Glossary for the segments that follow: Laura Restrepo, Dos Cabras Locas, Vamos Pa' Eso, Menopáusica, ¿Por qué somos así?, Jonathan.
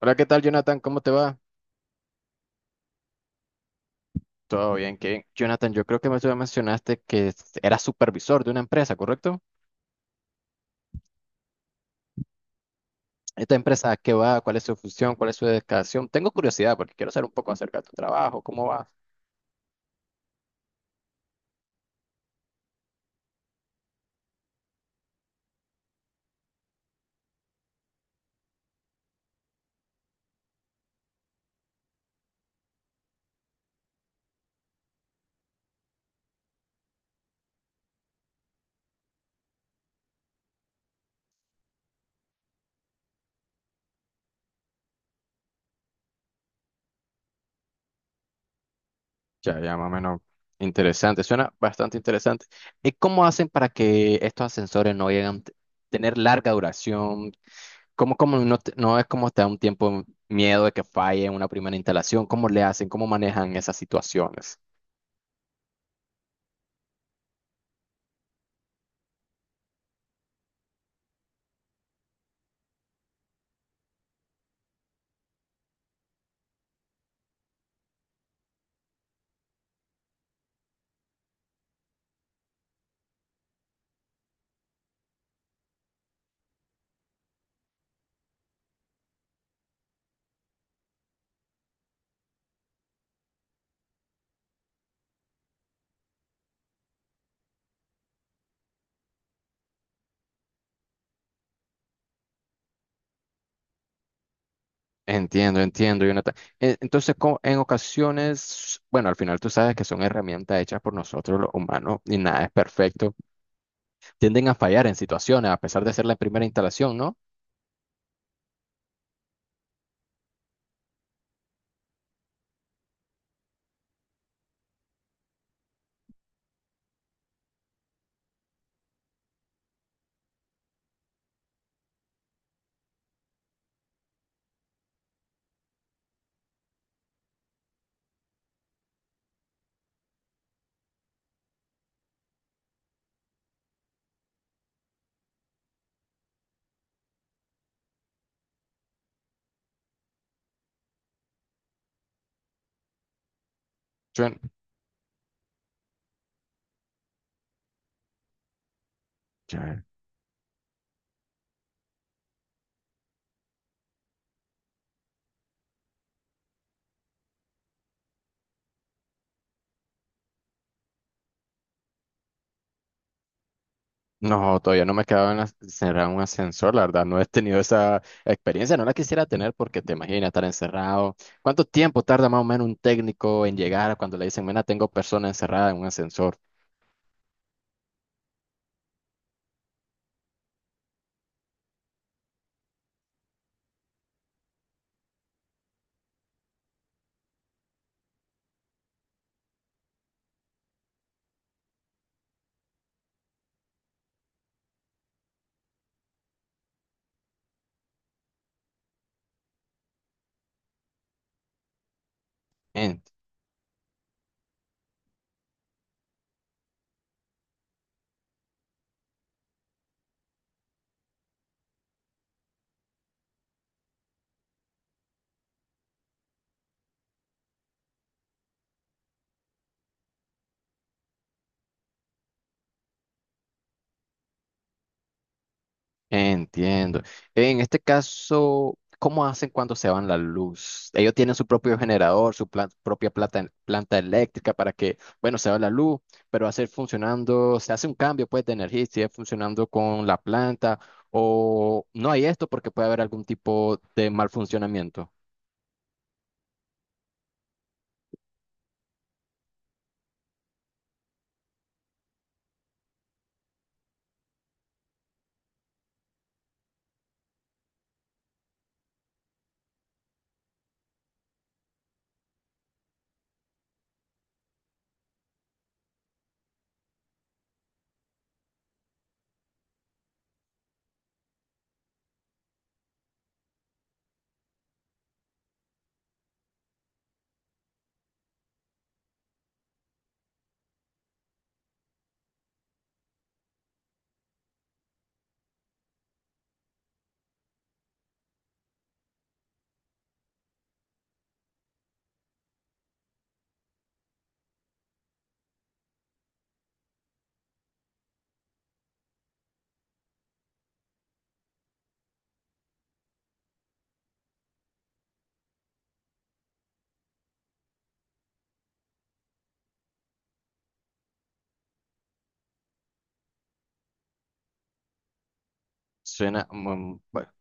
Hola, ¿qué tal, Jonathan? ¿Cómo te va? Todo bien, qué Jonathan, yo creo que me tú me mencionaste que eras supervisor de una empresa, ¿correcto? ¿Esta empresa a qué va? ¿Cuál es su función? ¿Cuál es su dedicación? Tengo curiosidad porque quiero saber un poco acerca de tu trabajo, cómo va. Ya, ya, más o menos interesante, suena bastante interesante. ¿Y cómo hacen para que estos ascensores no lleguen a tener larga duración? ¿Cómo, cómo no, no es como te da un tiempo miedo de que falle en una primera instalación? ¿Cómo le hacen? ¿Cómo manejan esas situaciones? Entiendo, entiendo, Jonathan. Entonces, en ocasiones, bueno, al final tú sabes que son herramientas hechas por nosotros los humanos y nada es perfecto. Tienden a fallar en situaciones, a pesar de ser la primera instalación, ¿no? Suen- ya. No, todavía no me he quedado en encerrado en un ascensor, la verdad, no he tenido esa experiencia, no la quisiera tener porque te imaginas estar encerrado. ¿Cuánto tiempo tarda más o menos un técnico en llegar cuando le dicen, mira, tengo persona encerrada en un ascensor? Entiendo. En este caso, ¿cómo hacen cuando se van la luz? Ellos tienen su propio generador, propia planta eléctrica para que, bueno, se va la luz, pero hacer funcionando, se hace un cambio pues de energía, y sigue funcionando con la planta o no hay esto porque puede haber algún tipo de mal funcionamiento. Suena, mm, bueno,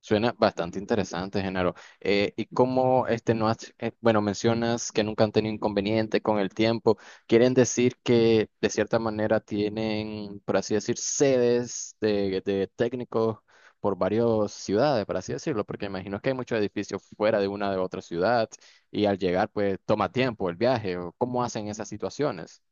suena bastante interesante, Genaro. Y cómo este no has, bueno, mencionas que nunca han tenido inconveniente con el tiempo. ¿Quieren decir que de cierta manera tienen, por así decir, sedes de técnicos por varias ciudades, por así decirlo? Porque imagino que hay muchos edificios fuera de una de otra ciudad y al llegar, pues toma tiempo el viaje. ¿O cómo hacen esas situaciones?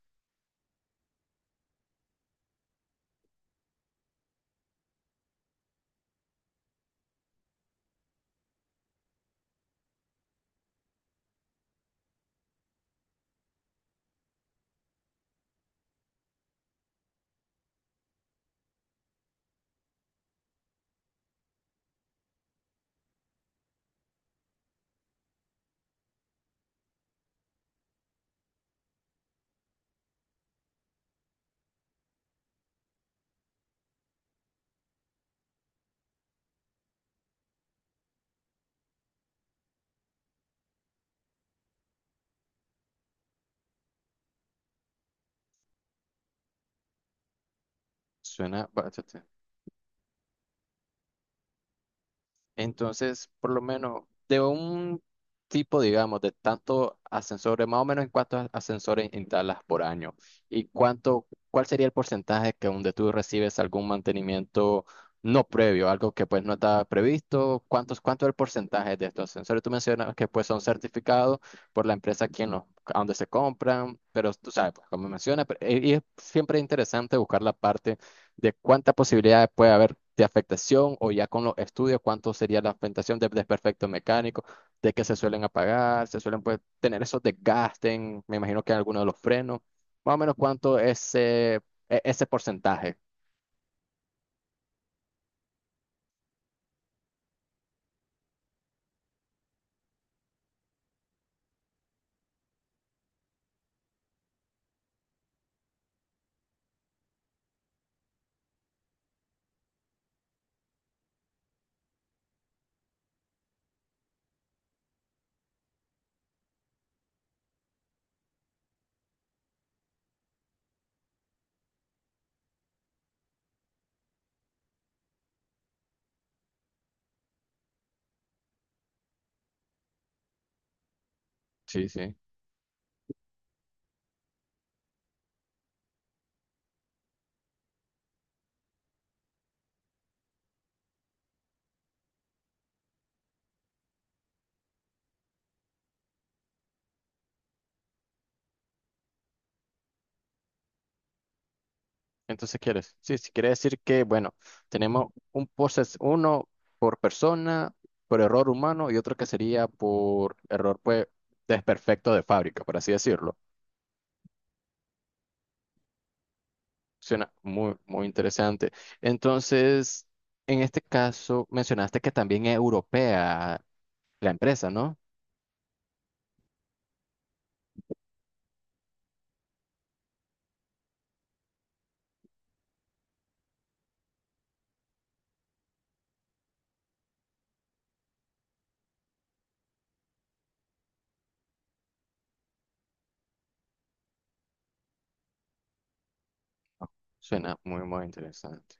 Suena, bastante. Entonces, por lo menos, de un tipo, digamos, de tantos ascensores, más o menos en cuántos ascensores instalas por año y cuánto, cuál sería el porcentaje que donde tú recibes algún mantenimiento no previo, algo que pues no está previsto, cuántos, cuánto es el porcentaje de estos ascensores. Tú mencionas que pues son certificados por la empresa quien los, a donde se compran, pero tú sabes, pues, como mencionas, pero- y es siempre interesante buscar la parte de cuánta posibilidad puede haber de afectación o ya con los estudios, cuánto sería la afectación de desperfecto mecánico, de que se suelen apagar, se suelen pues, tener esos desgastes, en, me imagino que en alguno de los frenos, más o menos cuánto es ese porcentaje. Sí, sí. Entonces, ¿quieres? Sí, sí, quiere decir que, bueno, tenemos un proceso, uno por persona, por error humano y otro que sería por error pues desperfecto de fábrica, por así decirlo. Suena muy, muy interesante. Entonces, en este caso, mencionaste que también es europea la empresa, ¿no? Suena muy, muy interesante.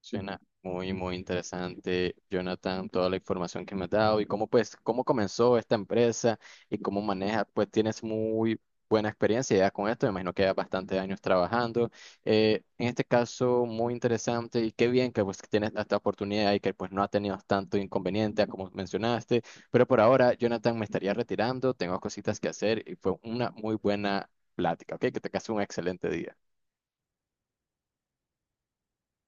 Suena muy, muy interesante, Jonathan, toda la información que me has dado y cómo, pues, cómo comenzó esta empresa y cómo maneja, pues tienes muy buena experiencia ya con esto, me imagino que ya bastantes años trabajando. En este caso, muy interesante y qué bien que pues tienes esta oportunidad y que pues no has tenido tanto inconveniente como mencionaste, pero por ahora, Jonathan, me estaría retirando, tengo cositas que hacer y fue una muy buena plática, ¿ok? Que te case un excelente día.